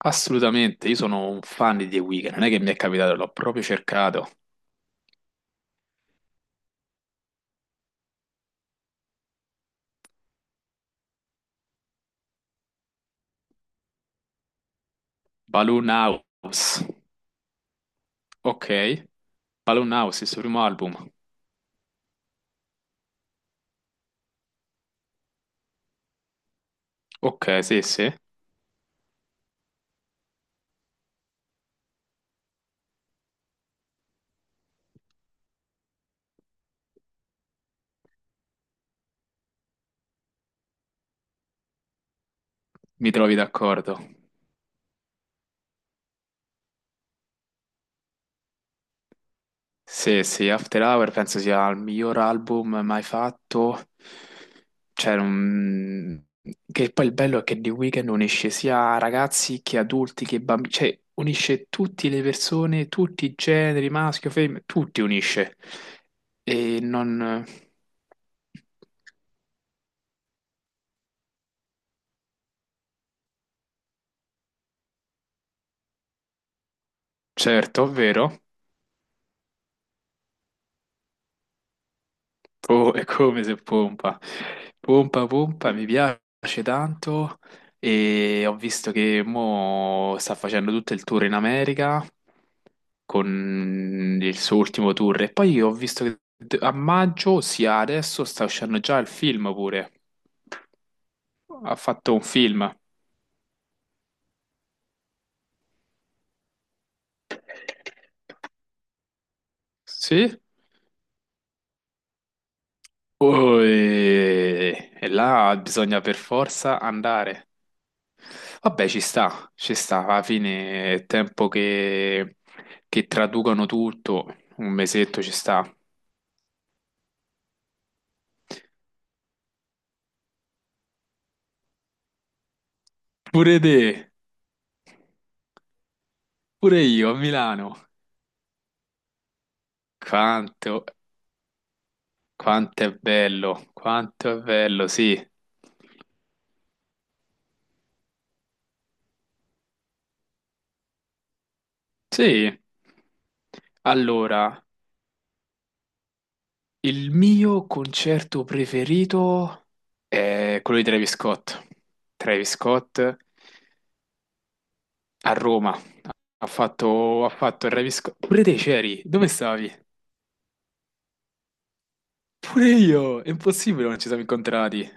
Assolutamente, io sono un fan di The Weeknd, non è che mi è capitato, l'ho proprio cercato. Balloon House, ok. Balloon House, il suo primo album. Ok, sì, sì, mi trovi d'accordo. Sì, sì, After Hour penso sia il miglior album mai fatto. Cioè, che poi il bello è che The Weeknd unisce sia ragazzi che adulti che bambini, cioè unisce tutte le persone, tutti i generi, maschio, femmina, tutti unisce. E non. Certo, vero? Oh, è come se pompa. Pompa, pompa, mi piace tanto e ho visto che mo sta facendo tutto il tour in America con il suo ultimo tour e poi ho visto che a maggio, ossia adesso, sta uscendo già il film pure. Ha fatto un film. Sì? Oh, e là bisogna per forza andare. Vabbè, ci sta, alla fine è tempo che traducano tutto, un mesetto ci sta. Pure te, pure io a Milano. Quanto, quanto è bello, quanto è bello, sì. Sì, allora, il mio concerto preferito è quello di Travis Scott. Travis Scott a Roma. Ha fatto il Travis Scott. Pure te c'eri? Dove stavi? Pure io! È impossibile non ci siamo incontrati.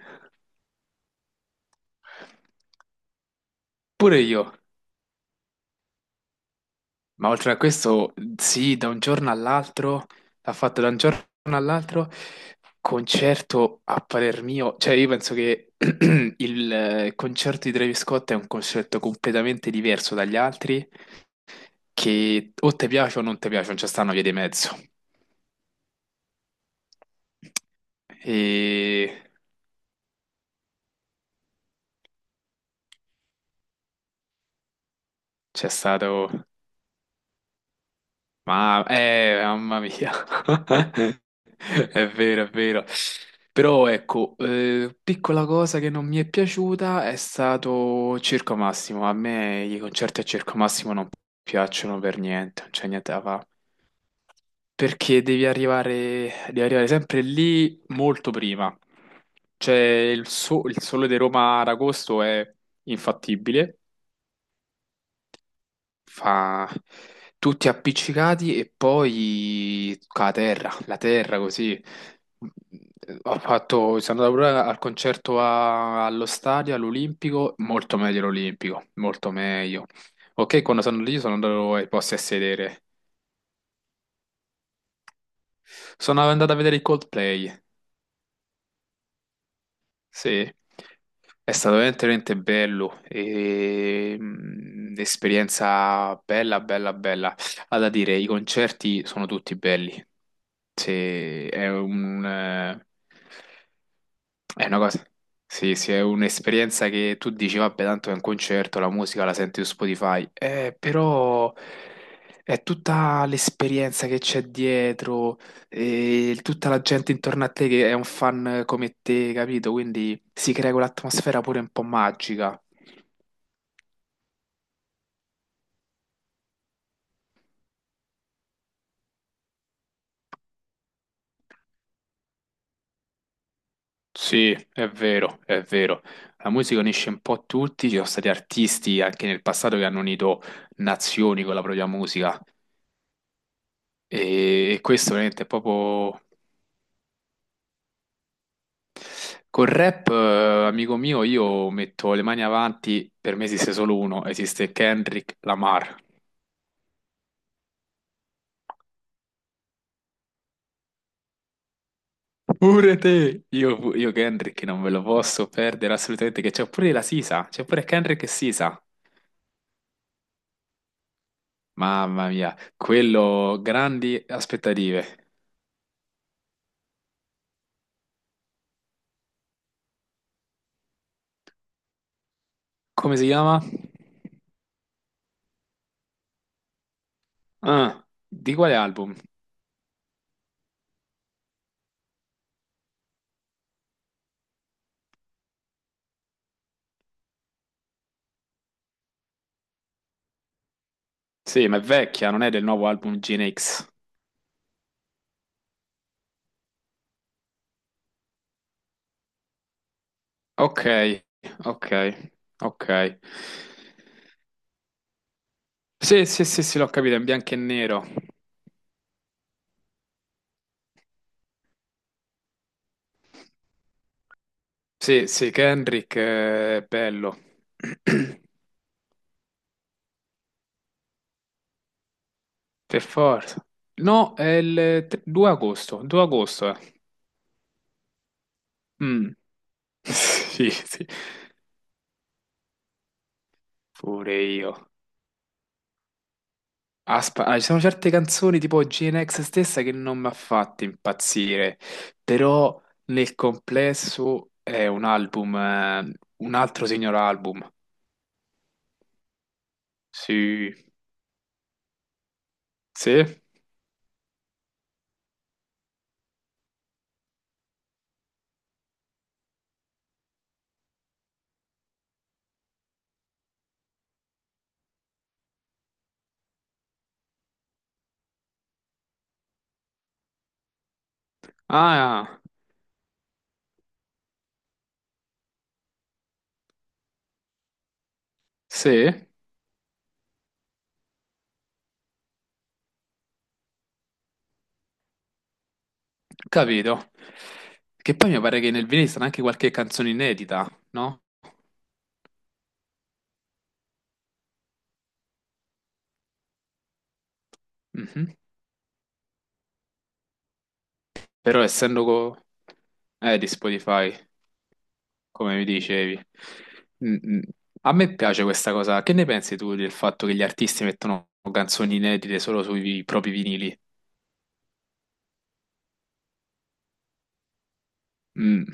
Pure io. Ma oltre a questo, sì, da un giorno all'altro, ha fatto da un giorno all'altro concerto a parer mio. Cioè, io penso che il concerto di Travis Scott è un concerto completamente diverso dagli altri, che o ti piace o non ti piace, non c'è sta una via di mezzo. E c'è stato. Ma, mamma mia, è vero, è vero. Però ecco, piccola cosa che non mi è piaciuta è stato Circo Massimo. A me i concerti a Circo Massimo non piacciono per niente, non c'è niente da fare. Perché devi arrivare sempre lì molto prima. Cioè, il sole di Roma ad agosto è infattibile. Fa tutti appiccicati e poi con la terra così. Sono andato pure al concerto allo stadio, all'Olimpico, molto meglio l'Olimpico, molto meglio. Ok, quando sono lì sono andato ai posti a sedere. Sono andato a vedere i Coldplay. Sì, è stato veramente, veramente bello, e, esperienza bella, bella, bella. Ha da dire, i concerti sono tutti belli. Se è è una cosa, sì, sì, è un'esperienza che tu dici, vabbè, tanto è un concerto, la musica la senti su Spotify, però è tutta l'esperienza che c'è dietro, e tutta la gente intorno a te che è un fan come te, capito? Quindi si crea quell'atmosfera pure un po' magica. Sì, è vero, è vero. La musica unisce un po' tutti, ci sono stati artisti anche nel passato che hanno unito nazioni con la propria musica e questo veramente è proprio. Col rap, amico mio, io metto le mani avanti, per me esiste solo uno, esiste Kendrick Lamar. Pure te! Io Kendrick non me lo posso perdere assolutamente, che c'è pure la Sisa, c'è pure Kendrick e Sisa. Mamma mia, quello grandi aspettative. Come si chiama? Ah, di quale album? Sì, ma è vecchia, non è del nuovo album Gen X. Ok, ok, ok. Sì, sì, sì, sì, l'ho capito, è in bianco e nero. Sì, sì, Kendrick, è bello. Per forza. No, è il 2 agosto, 2 agosto. Mm. Sì, sì, pure io. Ci sono certe canzoni tipo GNX stessa che non mi ha fatto impazzire, però nel complesso è un album, un altro signor album. Sì, sì. Ah, sì, capito. Che poi mi pare che nel vinile sta anche qualche canzone inedita, no? Mhm. Però essendo di Spotify, come mi dicevi, mm, mm, a me piace questa cosa. Che ne pensi tu del fatto che gli artisti mettono canzoni inedite solo sui propri vinili? Mm.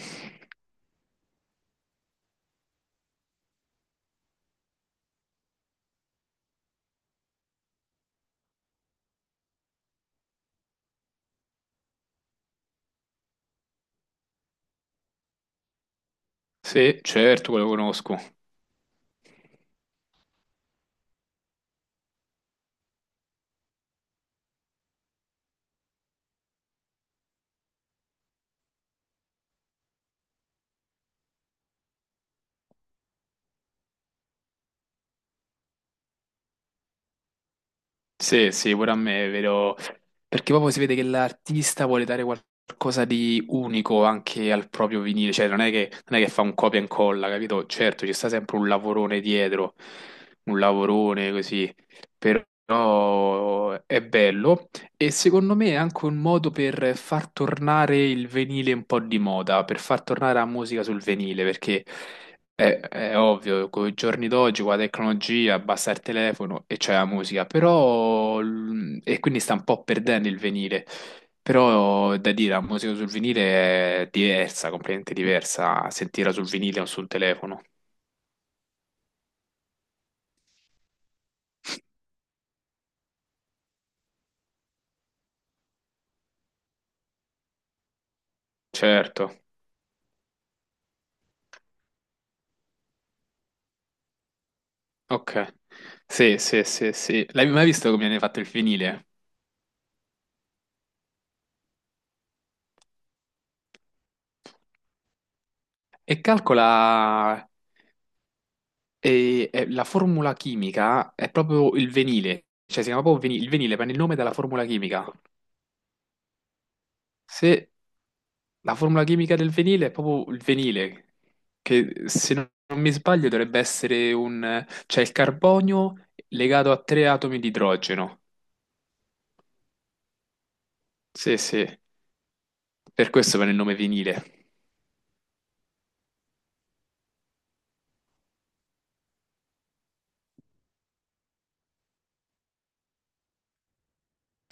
Sì, certo, quello conosco. Sì, sì, pure a me è vero, perché proprio si vede che l'artista vuole dare qualcosa di unico anche al proprio vinile, cioè non è che fa un copia e incolla, capito? Certo, ci sta sempre un lavorone dietro, un lavorone così, però è bello. E secondo me è anche un modo per far tornare il venile un po' di moda, per far tornare la musica sul venile, perché è ovvio, con i giorni d'oggi, con la tecnologia, basta il telefono e c'è la musica, però e quindi sta un po' perdendo il venile. Però è da dire, la musica sul vinile è diversa, completamente diversa, sentirla sul vinile o sul telefono. Certo, ok. Sì, sì, sì, sì. L'hai mai visto come viene fatto il vinile? E calcola. E, la formula chimica è proprio il venile, cioè si chiama proprio il venile, prende il nome dalla formula chimica. Se la formula chimica del venile è proprio il venile, che se non mi sbaglio dovrebbe essere cioè il carbonio legato a tre atomi di idrogeno. Sì, sì, per questo prende il nome venile.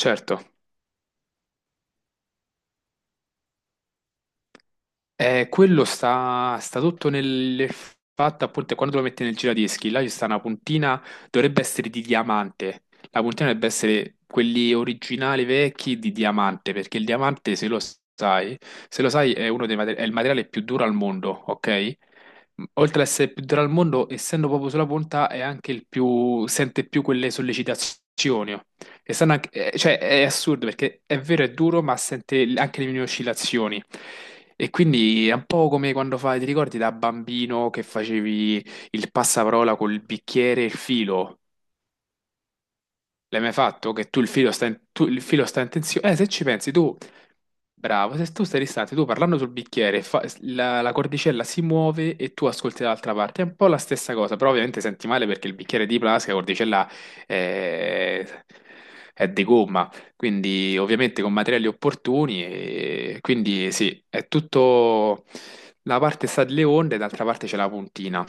Certo. Quello sta tutto nel fatto, appunto, quando lo metti nel giradischi, là ci sta una puntina, dovrebbe essere di diamante. La puntina dovrebbe essere quelli originali vecchi di diamante, perché il diamante, sai, se lo sai, è è il materiale più duro al mondo, ok? Oltre ad essere il più duro al mondo, essendo proprio sulla punta, è anche sente più quelle sollecitazioni. Che stanno cioè, è assurdo perché è vero, è duro, ma sente anche le mie oscillazioni. E quindi è un po' come quando fai, ti ricordi da bambino che facevi il passaparola col bicchiere e il filo? L'hai mai fatto? Che tu il filo sta in, tu, il filo sta in tensione? Se ci pensi tu, bravo, se tu stai distante, tu parlando sul bicchiere, la cordicella si muove e tu ascolti dall'altra parte. È un po' la stessa cosa, però ovviamente senti male perché il bicchiere è di plastica, la cordicella è, è di gomma, quindi ovviamente con materiali opportuni. E quindi sì, è tutto. La parte sta delle onde, e d'altra parte c'è la puntina.